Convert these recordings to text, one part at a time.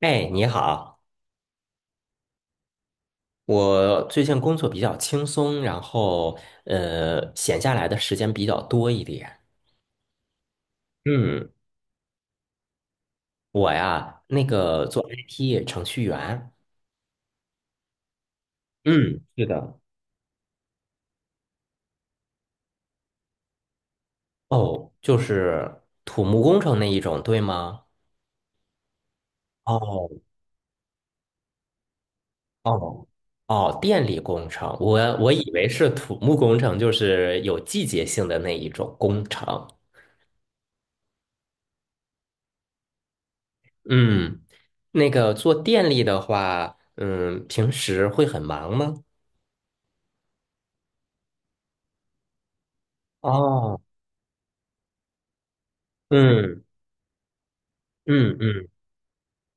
哎，你好。我最近工作比较轻松，然后闲下来的时间比较多一点。嗯，我呀，那个做 IT 程序员。嗯，是的。哦，就是土木工程那一种，对吗？哦哦哦，电力工程，我以为是土木工程，就是有季节性的那一种工程。嗯，那个做电力的话，嗯，平时会很忙吗？哦，嗯嗯嗯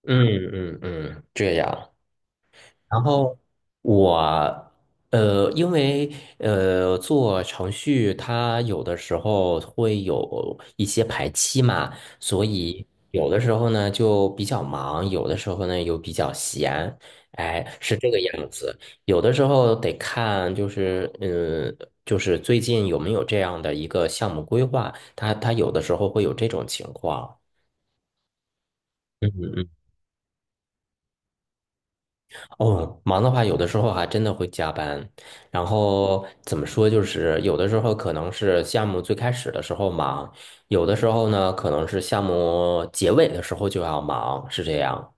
嗯嗯嗯，这样。然后我因为做程序，它有的时候会有一些排期嘛，所以有的时候呢就比较忙，有的时候呢又比较闲，哎，是这个样子。有的时候得看，就是最近有没有这样的一个项目规划，它有的时候会有这种情况。嗯哦，忙的话，有的时候还真的会加班。然后怎么说，就是有的时候可能是项目最开始的时候忙，有的时候呢，可能是项目结尾的时候就要忙，是这样。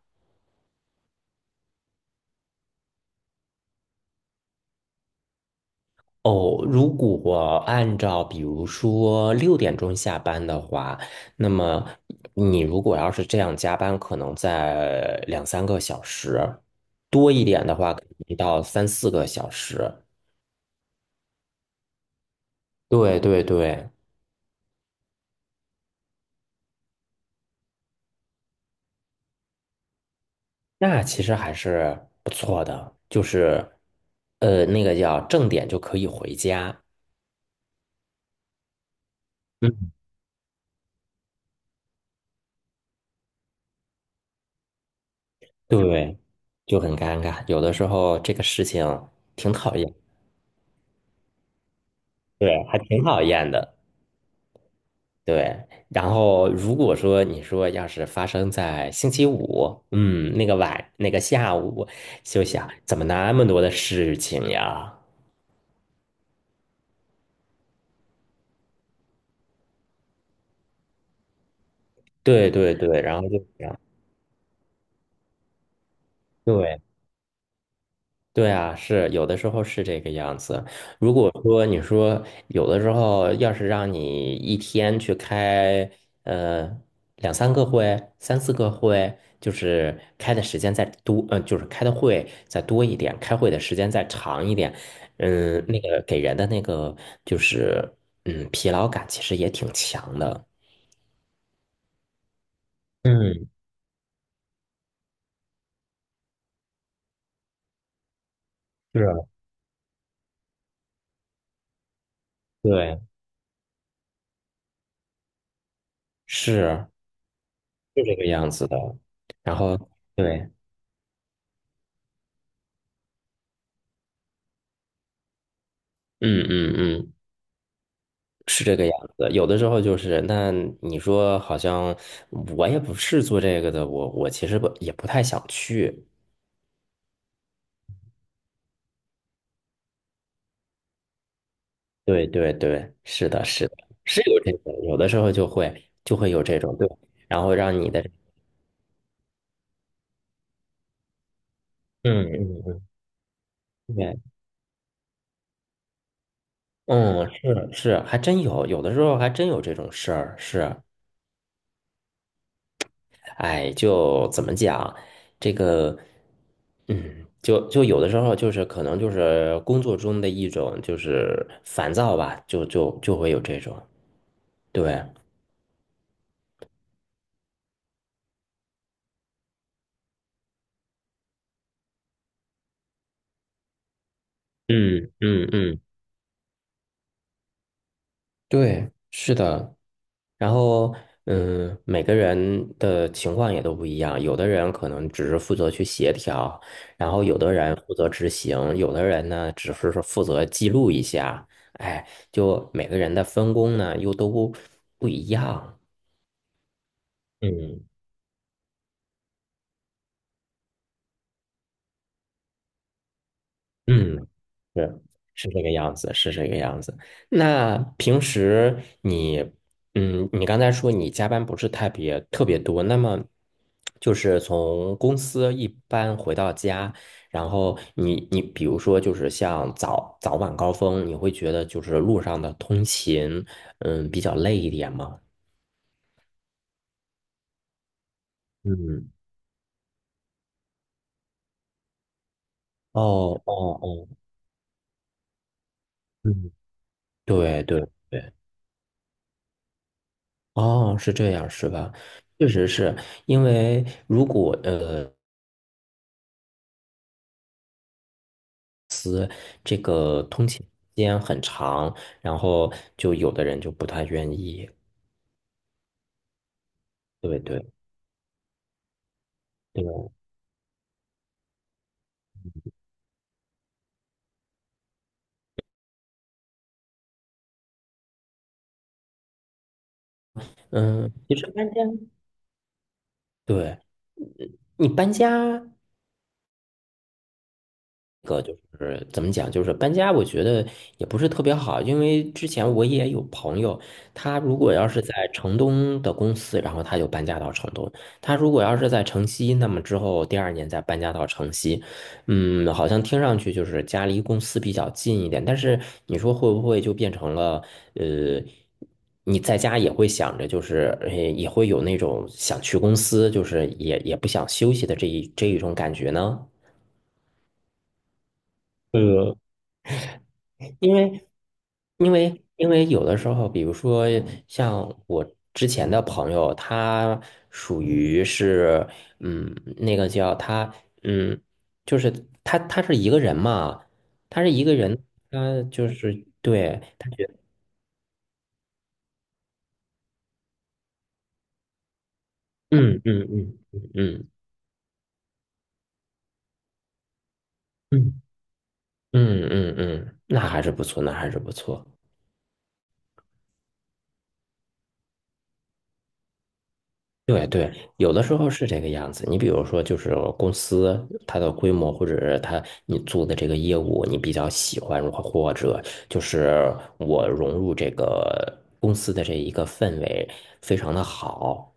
哦，如果按照比如说6点钟下班的话，那么你如果要是这样加班，可能在两三个小时，多一点的话，一到三四个小时。对对对。那其实还是不错的，就是，那个叫正点就可以回家。嗯，对，就很尴尬，有的时候这个事情挺讨厌，对，还挺讨厌的，对。然后如果说你说要是发生在星期五，嗯，那个晚那个下午，就想怎么那么多的事情呀？对对对，然后就想，对。对啊，是有的时候是这个样子。如果说你说有的时候要是让你一天去开呃两三个会、三四个会，就是开的时间再多，就是开的会再多一点，开会的时间再长一点，嗯，那个给人的那个就是疲劳感其实也挺强的。嗯，是啊，对，是，是这个样子的。然后对，嗯嗯嗯。是这个样子，有的时候就是，那你说好像我也不是做这个的，我其实不也不太想去。对对对，是的，是的，是有这种，有的时候就会有这种，对，然后让你的，嗯嗯嗯，对，嗯，是，是，还真有，有的时候还真有这种事儿，是，哎，就怎么讲，这个，嗯，就有的时候就是可能就是工作中的一种就是烦躁吧，就会有这种，对，嗯嗯嗯，对，是的。然后，嗯，每个人的情况也都不一样，有的人可能只是负责去协调，然后有的人负责执行，有的人呢只是说负责记录一下，哎，就每个人的分工呢又都不一样。嗯嗯，是，是这个样子，是这个样子。那平时你，嗯，你刚才说你加班不是特别特别多，那么就是从公司一般回到家，然后你比如说就是像早晚高峰，你会觉得就是路上的通勤，嗯，比较累一点吗？嗯，哦哦哦，嗯，对对。对哦，是这样是吧？确实是。因为如果这个通勤时间很长，然后就有的人就不太愿意。对对对，嗯，其实搬家，对你搬家，个就是怎么讲，就是搬家，我觉得也不是特别好，因为之前我也有朋友，他如果要是在城东的公司，然后他就搬家到城东；他如果要是在城西，那么之后第二年再搬家到城西。嗯，好像听上去就是家离公司比较近一点，但是你说会不会就变成了呃？你在家也会想着，就是也会有那种想去公司，就是也不想休息的这一种感觉呢？因为因为有的时候，比如说像我之前的朋友，他属于是，嗯，那个叫他，嗯，就是他是一个人嘛，他是一个人，他就是对，他觉得，嗯嗯嗯嗯嗯嗯嗯嗯，嗯那还是不错，那还是不错。对对，有的时候是这个样子。你比如说，就是公司它的规模，或者是它你做的这个业务，你比较喜欢，或者就是我融入这个公司的这一个氛围非常的好，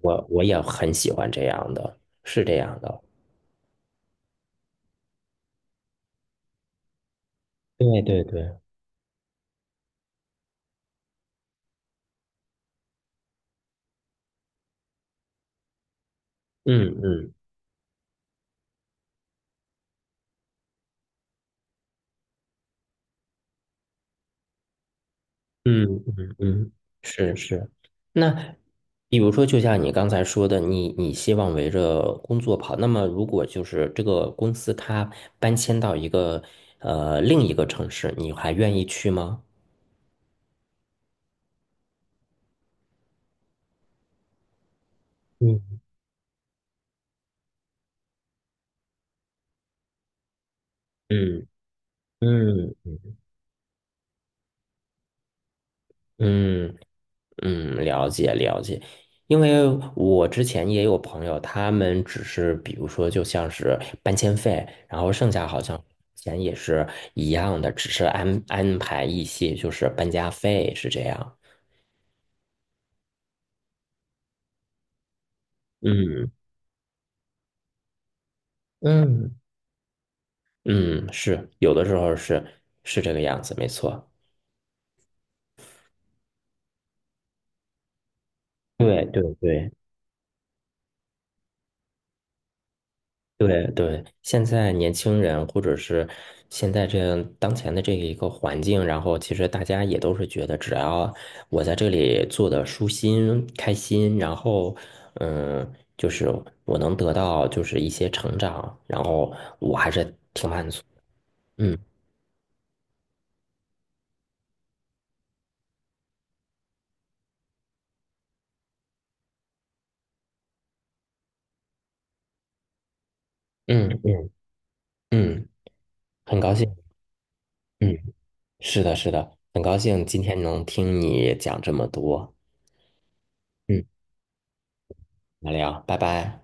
我也很喜欢这样的，是这样的。对对对，嗯嗯。嗯嗯嗯，是，是。那比如说，就像你刚才说的，你希望围着工作跑。那么，如果就是这个公司它搬迁到另一个城市，你还愿意去吗？嗯嗯嗯嗯，嗯，了解了解。因为我之前也有朋友，他们只是比如说就像是搬迁费，然后剩下好像钱也是一样的，只是安排一些就是搬家费是这样。嗯嗯嗯，是有的时候是，是这个样子，没错。对对对。对对，现在年轻人或者是现在这样当前的这一个环境，然后其实大家也都是觉得，只要我在这里做的舒心、开心，然后嗯，就是我能得到就是一些成长，然后我还是，嗯嗯嗯嗯，很高兴，嗯，是的，是的，很高兴今天能听你讲这么多。嗯，聊聊，拜拜。